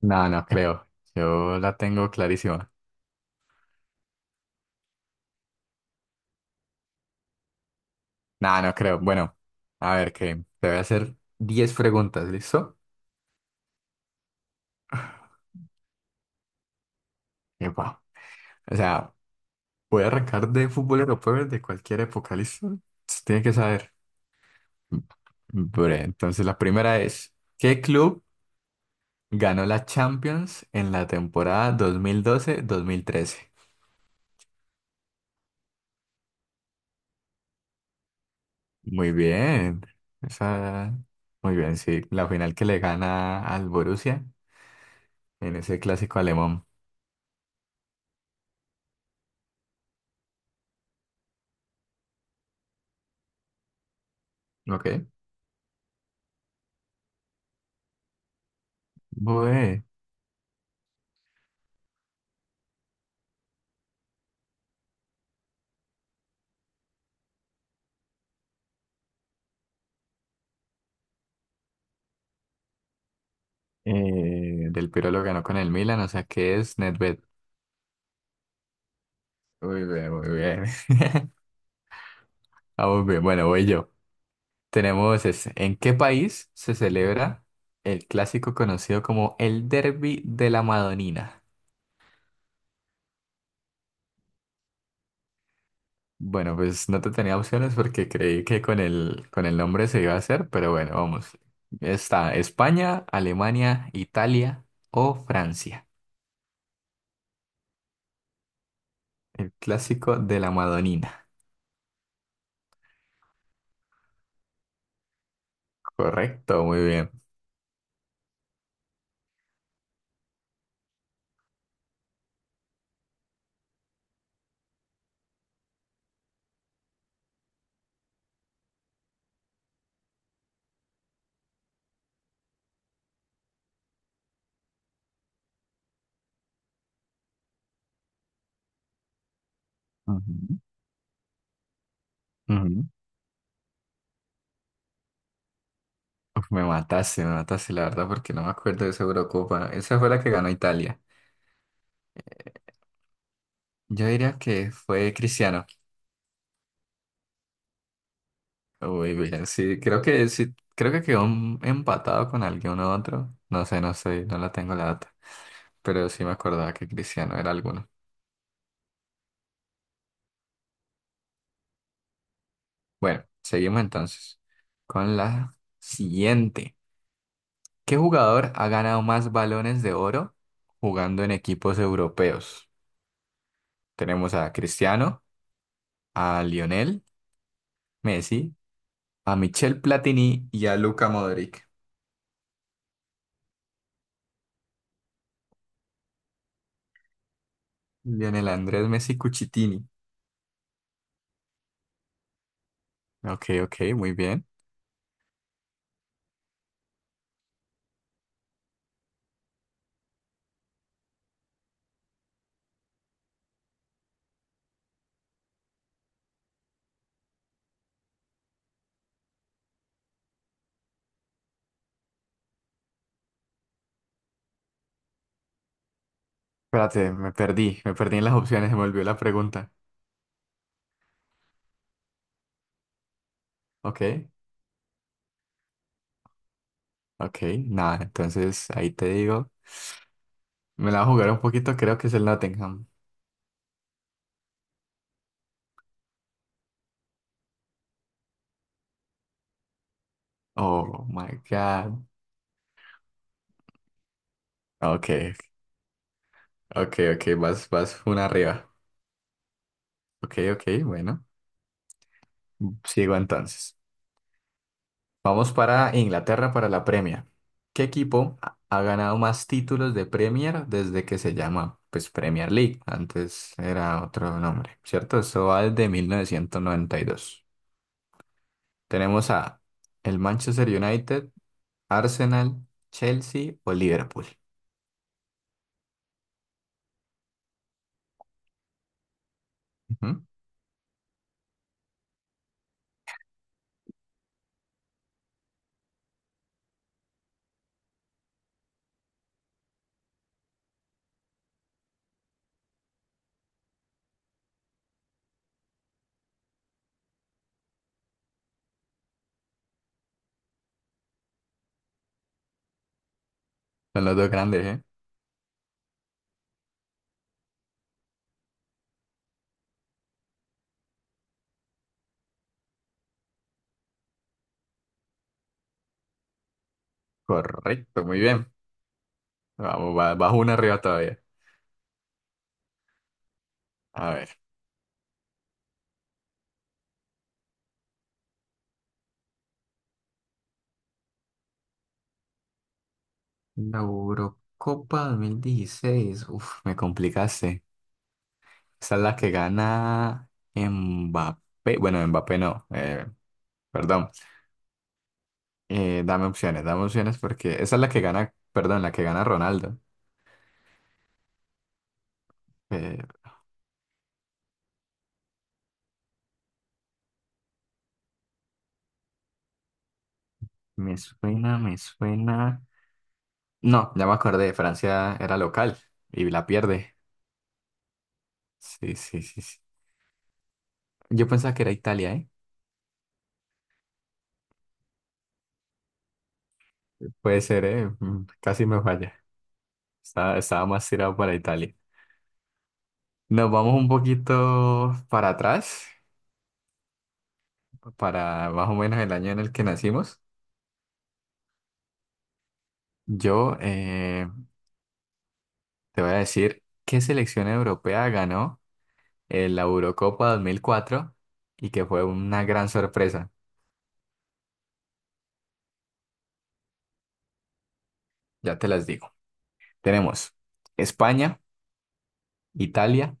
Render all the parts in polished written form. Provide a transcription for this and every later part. No, no creo. Yo la tengo clarísima. No, no creo. Bueno, a ver, que te voy a hacer 10 preguntas, ¿listo? Epa. O sea, voy a arrancar de fútbol europeo de cualquier época, ¿listo? Se tiene que saber. Bre, entonces la primera es, ¿qué club ganó la Champions en la temporada dos mil doce mil trece? Muy bien. Esa. Muy bien, sí. La final que le gana al Borussia en ese clásico alemán. Ok. Bue, eh, Del Pirolo lo ganó con el Milan, o sea que es Nedved. Muy bien, muy bien. Vamos bien, bueno, voy yo. Tenemos ese. ¿En qué país se celebra el clásico conocido como el Derby de la Madonina? Bueno, pues no te tenía opciones porque creí que con el nombre se iba a hacer, pero bueno, vamos. Está España, Alemania, Italia o Francia. El clásico de la Madonina. Correcto, muy bien. Ujú, ujú. Uf, me mataste, la verdad, porque no me acuerdo de esa Eurocopa. Esa fue la que ganó Italia. Yo diría que fue Cristiano. Uy, bien, sí, creo que quedó empatado con alguien u otro. No sé, no sé, no la tengo la data. Pero sí me acordaba que Cristiano era alguno. Bueno, seguimos entonces con la siguiente. ¿Qué jugador ha ganado más balones de oro jugando en equipos europeos? Tenemos a Cristiano, a Lionel, Messi a Michel Platini y a Luka Modric. Lionel Andrés Messi Cuchitini. Ok, ok, muy bien. Espérate, me perdí en las opciones, se me olvidó la pregunta. Ok, ok, nada, entonces ahí te digo. Me la voy a jugar un poquito, creo que es el Nottingham. Oh my God. Ok, ok, ok, vas, vas una arriba. Ok, ok, bueno, sigo entonces. Vamos para Inglaterra para la Premier. ¿Qué equipo ha ganado más títulos de Premier desde que se llama pues Premier League? Antes era otro nombre, ¿cierto? Eso va desde 1992. Tenemos a el Manchester United, Arsenal, Chelsea o Liverpool. Ujú. Son los dos grandes, ¿eh? Correcto, muy bien. Vamos, bajo una arriba todavía. A ver. La Eurocopa 2016. Uf, me complicaste. Esa es la que gana Mbappé. Bueno, Mbappé no, perdón. Dame opciones, dame opciones porque esa es la que gana, perdón, la que gana Ronaldo. Eh, Me suena, me suena. No, ya me acordé, Francia era local y la pierde. Sí, sí, sí, sí. Yo pensaba que era Italia, ¿eh? Puede ser, ¿eh? Casi me falla. Estaba más tirado para Italia. Nos vamos un poquito para atrás, para más o menos el año en el que nacimos. Yo, eh, Te voy a decir qué selección europea ganó en la Eurocopa 2004 y que fue una gran sorpresa. Ya te las digo. Tenemos España, Italia,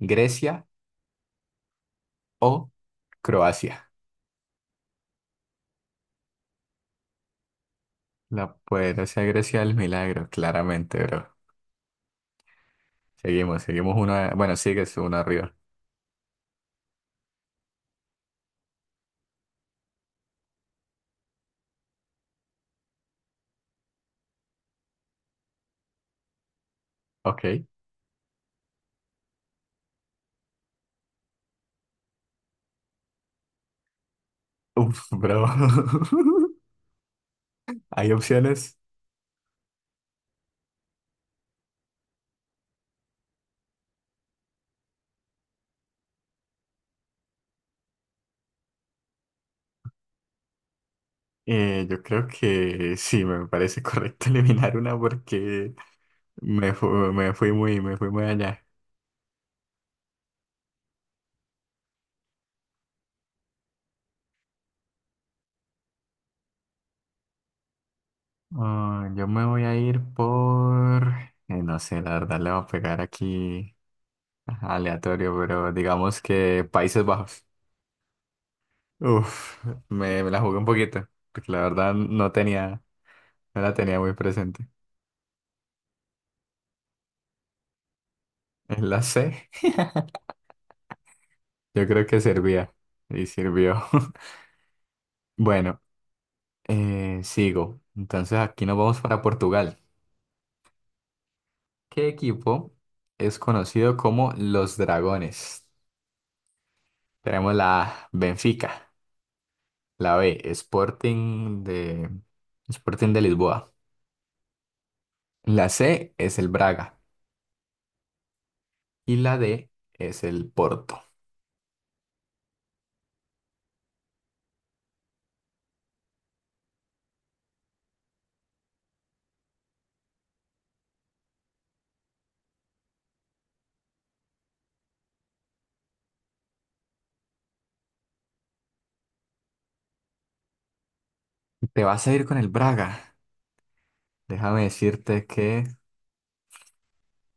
Grecia o Croacia. La poderosa Grecia del milagro, claramente, bro. Seguimos, seguimos uno. Bueno, sigues uno arriba. Ok. Uf, bro. Hay opciones. Yo creo que sí, me parece correcto eliminar una porque me, fu- me fui muy allá. Ah, yo me voy a ir por, no sé, la verdad le voy a pegar aquí ajá, aleatorio, pero digamos que Países Bajos. Uf, me la jugué un poquito, porque la verdad no tenía, no la tenía muy presente. En la C, yo creo que servía, y sirvió. Bueno, sigo. Entonces aquí nos vamos para Portugal. ¿Qué equipo es conocido como los Dragones? Tenemos la A, Benfica. La B, Sporting de Lisboa. La C es el Braga. Y la D es el Porto. Te vas a ir con el Braga. Déjame decirte que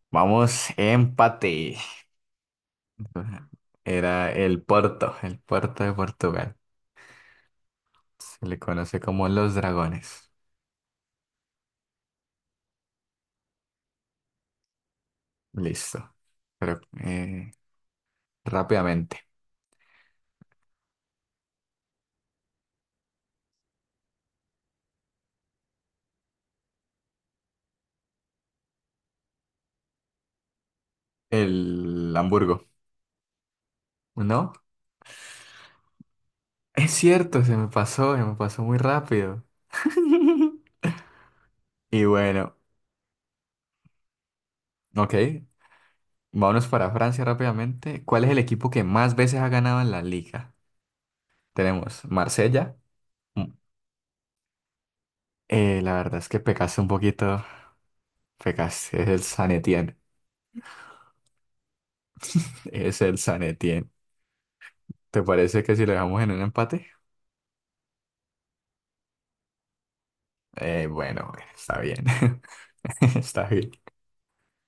vamos empate. Era el Porto de Portugal. Se le conoce como los dragones. Listo. Pero rápidamente. El Hamburgo. ¿No? Es cierto, se me pasó muy rápido. Y bueno. Ok, vámonos para Francia rápidamente. ¿Cuál es el equipo que más veces ha ganado en la liga? Tenemos Marsella. Mm. La verdad es que pecaste un poquito. Pecaste, es el San Etienne. Es el San Etienne. ¿Te parece que si lo dejamos en un empate? Bueno, bueno, está bien. Está bien.